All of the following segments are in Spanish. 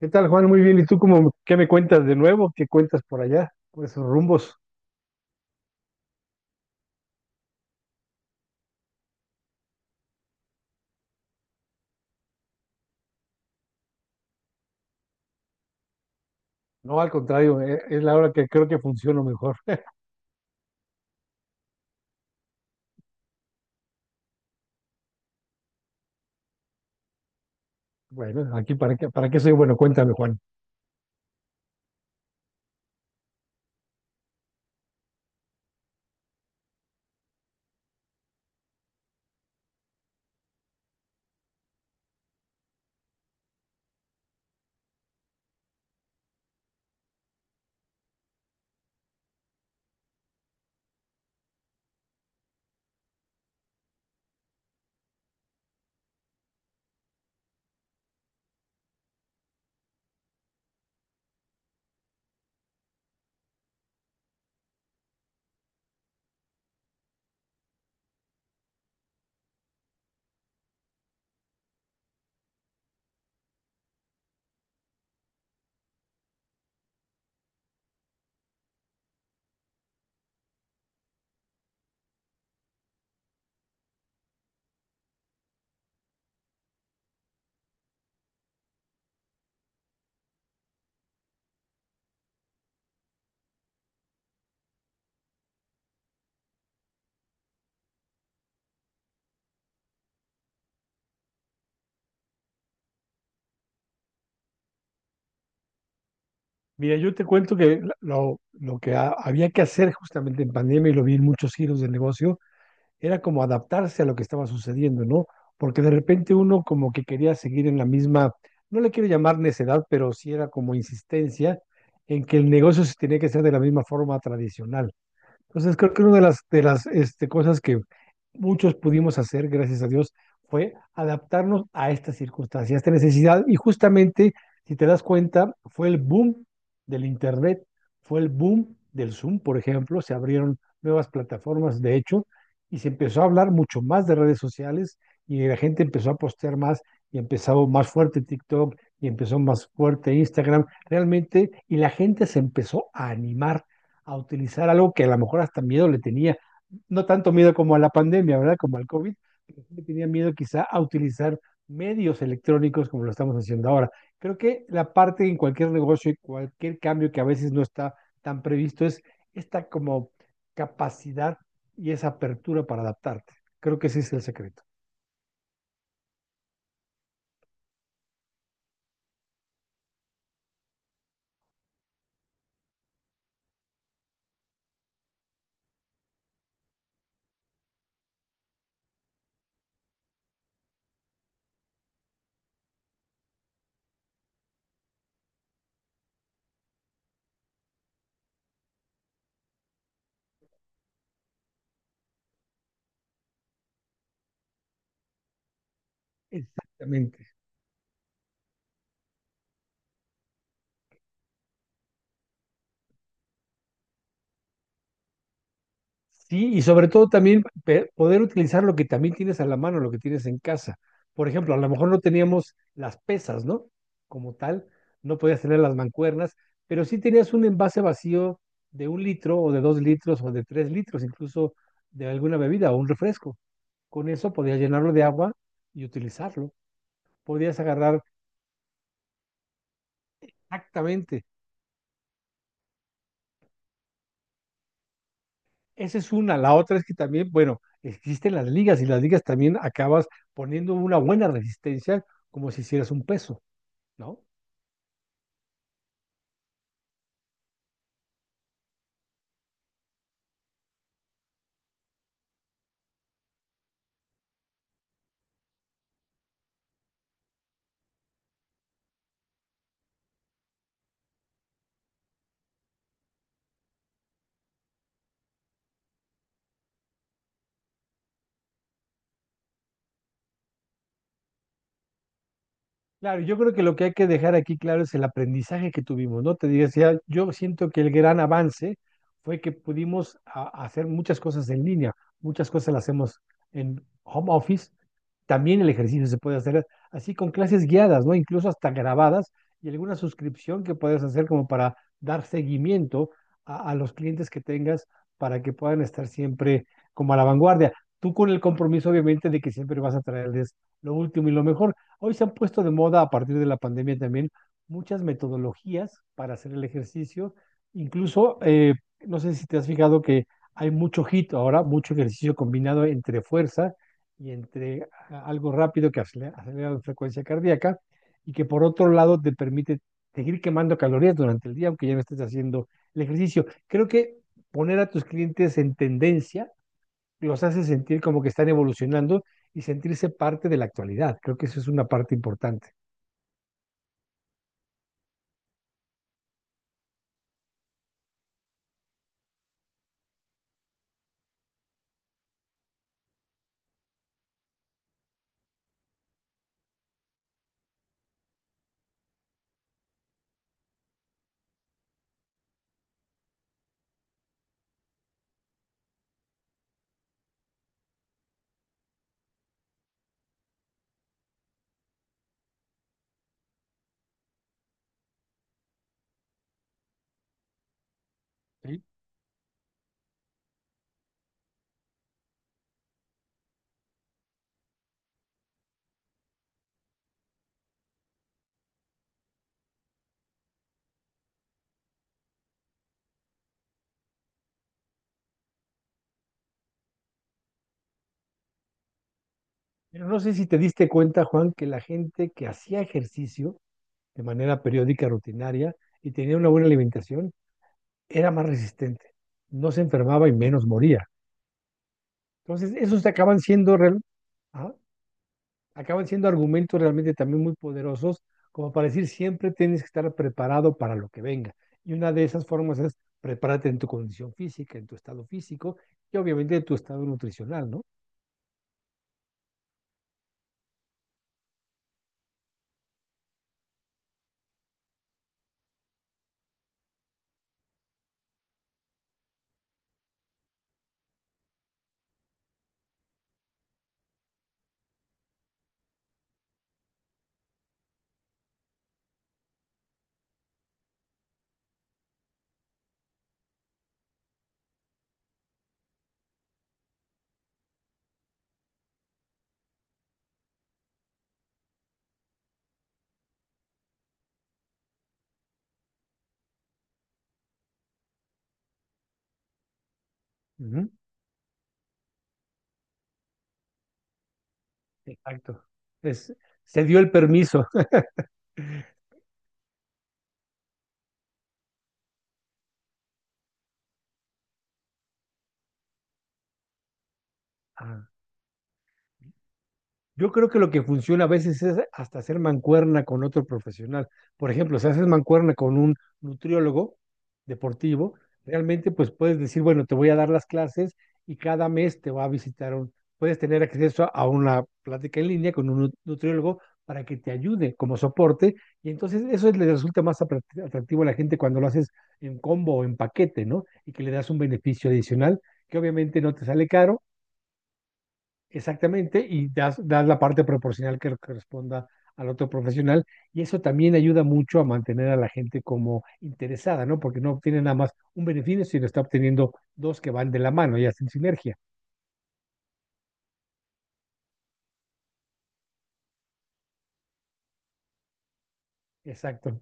¿Qué tal, Juan? Muy bien. ¿Y tú cómo, qué me cuentas de nuevo? ¿Qué cuentas por allá? Por esos rumbos. No, al contrario, es la hora que creo que funciona mejor. Bueno, aquí para qué soy bueno, cuéntame, Juan. Mira, yo te cuento que lo que había que hacer justamente en pandemia, y lo vi en muchos giros del negocio, era como adaptarse a lo que estaba sucediendo, ¿no? Porque de repente uno como que quería seguir en la misma, no le quiero llamar necedad, pero sí era como insistencia en que el negocio se tenía que hacer de la misma forma tradicional. Entonces, creo que una de las cosas que muchos pudimos hacer, gracias a Dios, fue adaptarnos a esta circunstancia, a esta necesidad. Y justamente, si te das cuenta, fue el boom del Internet, fue el boom del Zoom, por ejemplo. Se abrieron nuevas plataformas, de hecho, y se empezó a hablar mucho más de redes sociales y la gente empezó a postear más y empezó más fuerte TikTok y empezó más fuerte Instagram, realmente, y la gente se empezó a animar a utilizar algo que a lo mejor hasta miedo le tenía, no tanto miedo como a la pandemia, ¿verdad? Como al COVID, pero sí le tenía miedo quizá a utilizar medios electrónicos como lo estamos haciendo ahora. Creo que la parte en cualquier negocio y cualquier cambio que a veces no está tan previsto es esta como capacidad y esa apertura para adaptarte. Creo que ese es el secreto. Exactamente. Sí, y sobre todo también poder utilizar lo que también tienes a la mano, lo que tienes en casa. Por ejemplo, a lo mejor no teníamos las pesas, ¿no? Como tal, no podías tener las mancuernas, pero sí tenías un envase vacío de un litro o de dos litros o de tres litros, incluso de alguna bebida o un refresco. Con eso podías llenarlo de agua y utilizarlo. Podías agarrar exactamente. Esa es una. La otra es que también, bueno, existen las ligas y las ligas también acabas poniendo una buena resistencia como si hicieras un peso, ¿no? Claro, yo creo que lo que hay que dejar aquí claro es el aprendizaje que tuvimos, ¿no? Te digo, o sea, yo siento que el gran avance fue que pudimos hacer muchas cosas en línea, muchas cosas las hacemos en home office, también el ejercicio se puede hacer así con clases guiadas, ¿no? Incluso hasta grabadas y alguna suscripción que puedas hacer como para dar seguimiento a los clientes que tengas para que puedan estar siempre como a la vanguardia. Tú con el compromiso, obviamente, de que siempre vas a traerles lo último y lo mejor. Hoy se han puesto de moda a partir de la pandemia también muchas metodologías para hacer el ejercicio. Incluso, no sé si te has fijado que hay mucho hit ahora, mucho ejercicio combinado entre fuerza y entre algo rápido que acelera, acelera la frecuencia cardíaca y que por otro lado te permite seguir quemando calorías durante el día, aunque ya no estés haciendo el ejercicio. Creo que poner a tus clientes en tendencia los hace sentir como que están evolucionando y sentirse parte de la actualidad. Creo que eso es una parte importante. Sí. Pero no sé si te diste cuenta, Juan, que la gente que hacía ejercicio de manera periódica, rutinaria, y tenía una buena alimentación, era más resistente, no se enfermaba y menos moría. Entonces, esos acaban siendo... Ajá. Acaban siendo argumentos realmente también muy poderosos, como para decir siempre tienes que estar preparado para lo que venga. Y una de esas formas es prepárate en tu condición física, en tu estado físico y obviamente en tu estado nutricional, ¿no? Ujú. Exacto. Es, se dio el permiso. Ah. Yo creo que lo que funciona a veces es hasta hacer mancuerna con otro profesional. Por ejemplo, si haces mancuerna con un nutriólogo deportivo, realmente pues puedes decir, bueno, te voy a dar las clases y cada mes te va a visitar un, puedes tener acceso a una plática en línea con un nutriólogo para que te ayude como soporte y entonces eso le resulta más atractivo a la gente cuando lo haces en combo o en paquete, ¿no? Y que le das un beneficio adicional que obviamente no te sale caro. Exactamente, y das, das la parte proporcional que corresponda al otro profesional, y eso también ayuda mucho a mantener a la gente como interesada, ¿no? Porque no obtiene nada más un beneficio, sino está obteniendo dos que van de la mano y hacen sinergia. Exacto.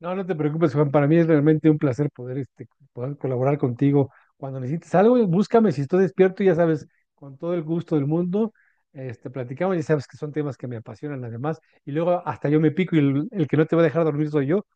No, no te preocupes, Juan, para mí es realmente un placer poder, este, poder colaborar contigo. Cuando necesites algo, búscame, si estoy despierto, ya sabes, con todo el gusto del mundo, este, platicamos, ya sabes que son temas que me apasionan además, y luego hasta yo me pico y el que no te va a dejar dormir soy yo,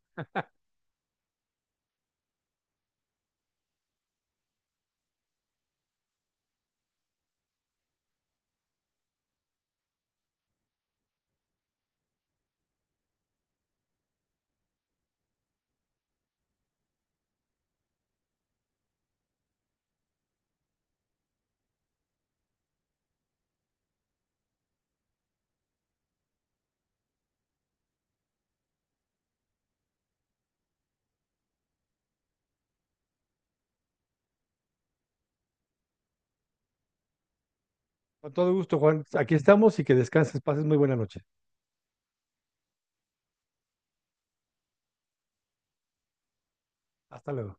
con todo gusto, Juan. Aquí estamos y que descanses. Pases muy buena noche. Hasta luego.